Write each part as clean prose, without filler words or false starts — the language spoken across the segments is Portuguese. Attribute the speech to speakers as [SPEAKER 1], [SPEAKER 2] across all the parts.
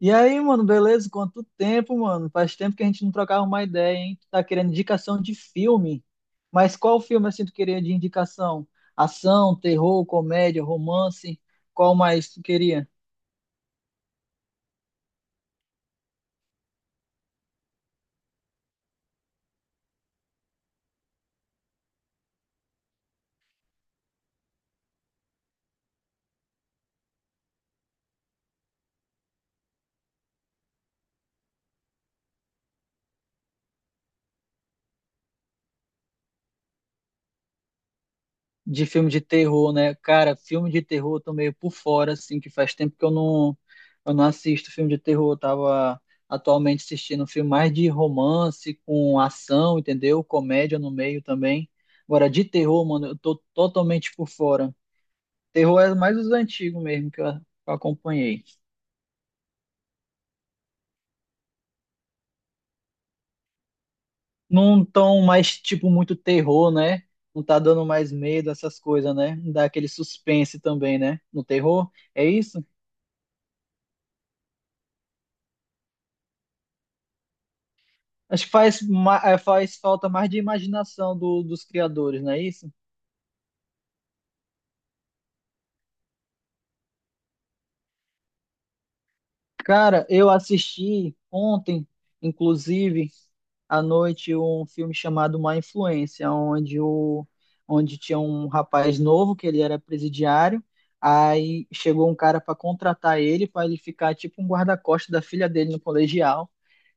[SPEAKER 1] E aí, mano, beleza? Quanto tempo, mano? Faz tempo que a gente não trocava uma ideia, hein? Tu tá querendo indicação de filme? Mas qual filme assim tu queria de indicação? Ação, terror, comédia, romance? Qual mais tu queria? De filme de terror, né? Cara, filme de terror eu tô meio por fora, assim, que faz tempo que eu não assisto filme de terror. Eu tava atualmente assistindo um filme mais de romance, com ação, entendeu? Comédia no meio também. Agora, de terror, mano, eu tô totalmente por fora. Terror é mais os antigos mesmo que eu acompanhei. Não tão mais, tipo, muito terror, né? Não tá dando mais medo, essas coisas, né? Não dá aquele suspense também, né? No terror. É isso? Acho que faz falta mais de imaginação dos criadores, não é isso? Cara, eu assisti ontem, inclusive, à noite, um filme chamado Má Influência, onde tinha um rapaz novo, que ele era presidiário, aí chegou um cara para contratar ele, para ele ficar tipo um guarda-costas da filha dele no colegial,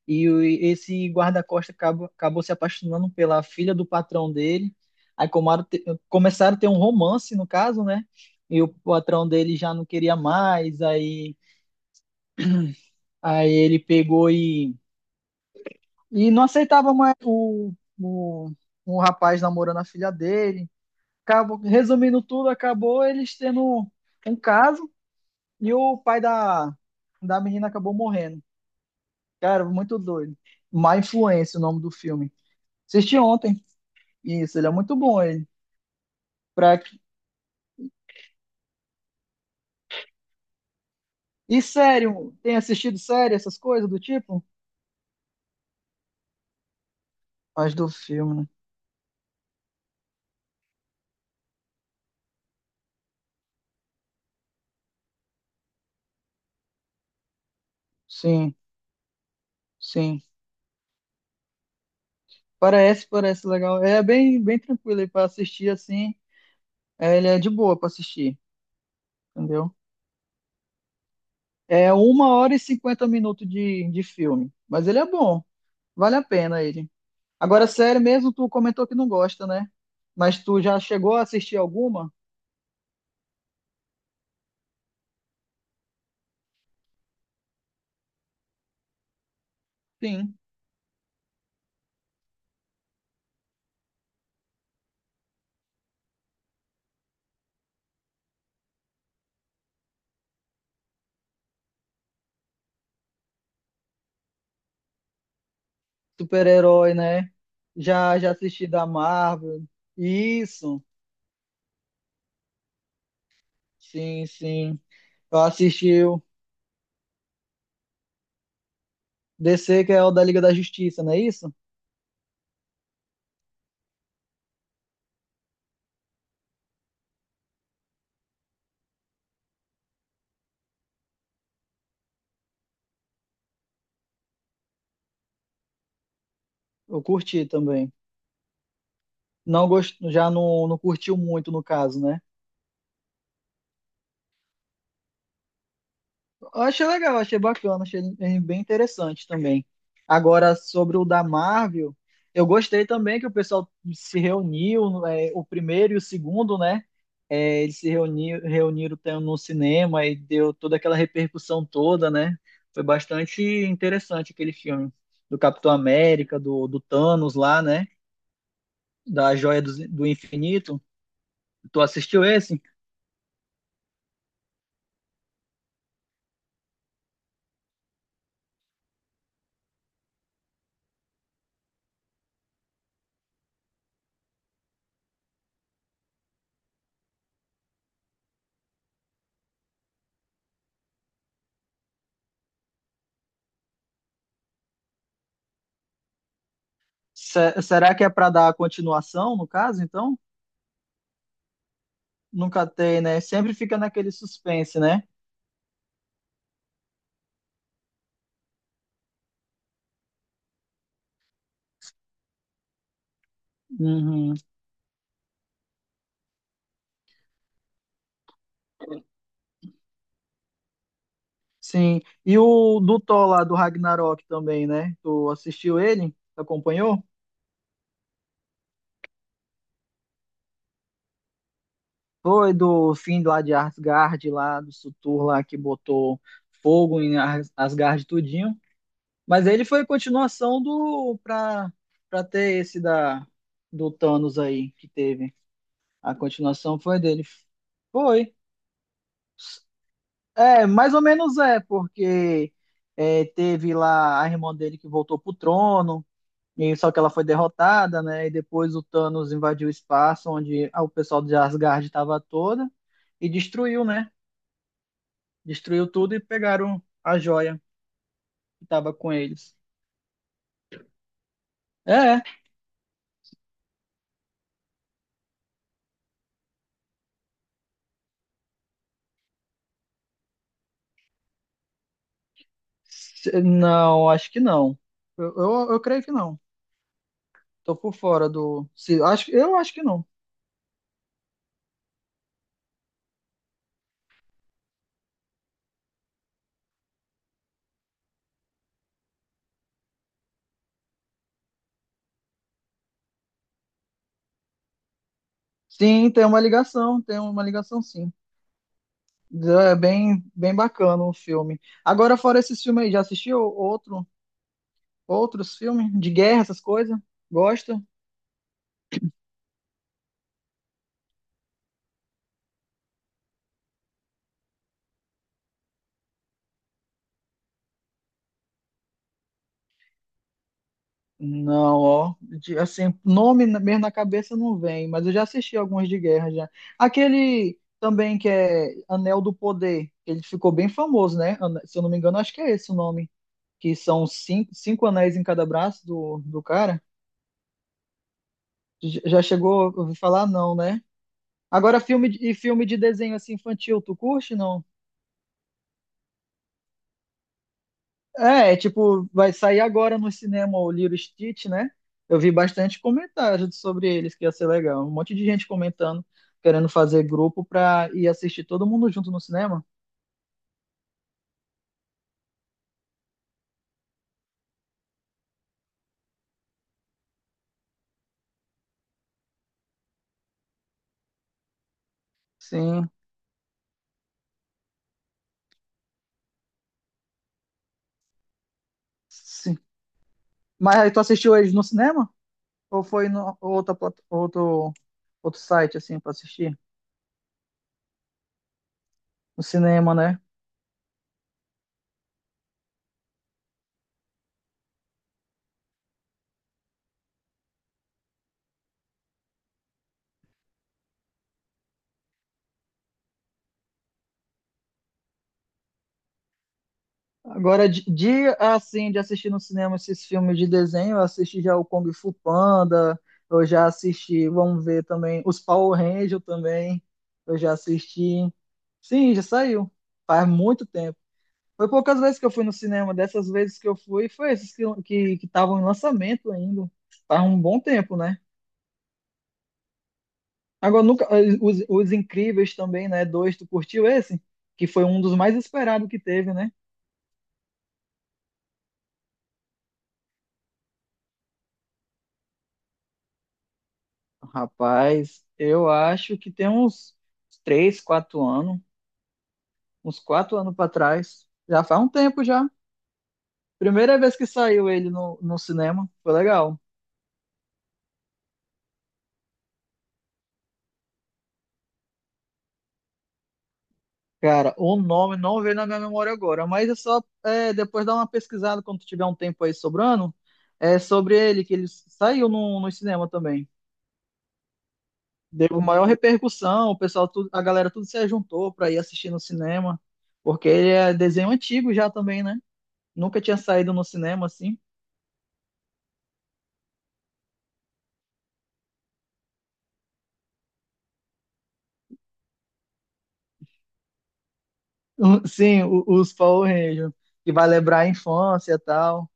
[SPEAKER 1] e esse guarda-costas acabou se apaixonando pela filha do patrão dele, aí começaram a ter um romance, no caso, né? E o patrão dele já não queria mais, aí ele pegou e não aceitava mais o, o rapaz namorando a filha dele. Acabou, resumindo tudo, acabou eles tendo um caso e o pai da menina acabou morrendo. Cara, muito doido. Má Influência, o nome do filme. Assisti ontem. Isso, ele é muito bom, ele. Pra... E sério, tem assistido série, essas coisas do tipo? Mas do filme, né? Sim, sim. Parece legal. É bem tranquilo aí pra assistir assim. É, ele é de boa pra assistir, entendeu? É 1 hora e 50 minutos de filme, mas ele é bom, vale a pena ele. Agora, sério mesmo, tu comentou que não gosta, né? Mas tu já chegou a assistir alguma? Sim, super-herói, né? Já assisti da Marvel. Isso, sim, sim. Eu assisti o DC, que é o da Liga da Justiça, não é isso? Eu curti também. Não gost... Já não, não curtiu muito, no caso, né? Eu achei legal, achei bacana, achei ele bem interessante também. Agora, sobre o da Marvel, eu gostei também que o pessoal se reuniu, é, o primeiro e o segundo, né? É, eles se reuniram, no cinema e deu toda aquela repercussão toda, né? Foi bastante interessante aquele filme do Capitão América, do Thanos lá, né? Da Joia do Infinito. Tu assistiu esse? Será que é para dar continuação, no caso, então? Nunca tem, né? Sempre fica naquele suspense, né? Uhum. Sim. E o do Thor lá do Ragnarok também, né? Tu assistiu ele? Tu acompanhou? Foi do fim lá de Asgard, lá do Surtur lá que botou fogo em Asgard tudinho. Mas ele foi continuação pra ter esse da do Thanos aí que teve. A continuação foi dele. Foi. É, mais ou menos é, porque é, teve lá a irmã dele que voltou pro trono, e só que ela foi derrotada, né? E depois o Thanos invadiu o espaço onde o pessoal de Asgard estava toda e destruiu, né? Destruiu tudo e pegaram a joia que estava com eles. É, não, acho que não. Eu creio que não. Tô por fora do. Acho, eu acho que não. Sim, tem uma ligação sim. É bem bacana o filme. Agora, fora esses filmes aí, já assistiu outros filmes de guerra, essas coisas? Gosta? Não, ó. Assim, mesmo na cabeça não vem, mas eu já assisti alguns de guerra já. Aquele também que é Anel do Poder, ele ficou bem famoso, né? Se eu não me engano, acho que é esse o nome. Que são cinco anéis em cada braço do cara. Já chegou a ouvir falar? Não, né? Agora, filme de desenho assim infantil, tu curte, não? É, é tipo, vai sair agora no cinema o Lilo e Stitch, né? Eu vi bastante comentários sobre eles, que ia ser legal. Um monte de gente comentando, querendo fazer grupo pra ir assistir todo mundo junto no cinema. Sim, sim. Mas aí tu assistiu eles no cinema? Ou foi no outro, outro site, assim, pra assistir? No cinema, né? Agora, assim, de assistir no cinema esses filmes de desenho, eu assisti já o Kung Fu Panda, eu já assisti, vamos ver também, os Power Rangers também, eu já assisti. Sim, já saiu, faz muito tempo. Foi poucas vezes que eu fui no cinema, dessas vezes que eu fui, foi esses que estavam em lançamento ainda, faz um bom tempo, né? Agora, nunca, eh, os Incríveis também, né? Dois, tu curtiu esse? Que foi um dos mais esperados que teve, né? Rapaz, eu acho que tem uns 3, 4 anos, uns 4 anos para trás. Já faz um tempo já. Primeira vez que saiu ele no cinema, foi legal. Cara, o nome não veio na minha memória agora, mas é depois dar uma pesquisada quando tiver um tempo aí sobrando. É sobre ele, que ele saiu no cinema também. Deu maior repercussão, a galera tudo se juntou para ir assistir no cinema, porque ele é desenho antigo já também, né? Nunca tinha saído no cinema assim. Sim, os Power Rangers. Que vai lembrar a infância e tal.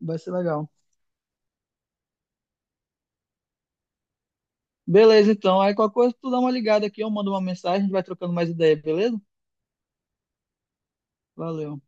[SPEAKER 1] Vai ser legal. Beleza, então. Aí qualquer coisa, tu dá uma ligada aqui, eu mando uma mensagem, a gente vai trocando mais ideia, beleza? Valeu.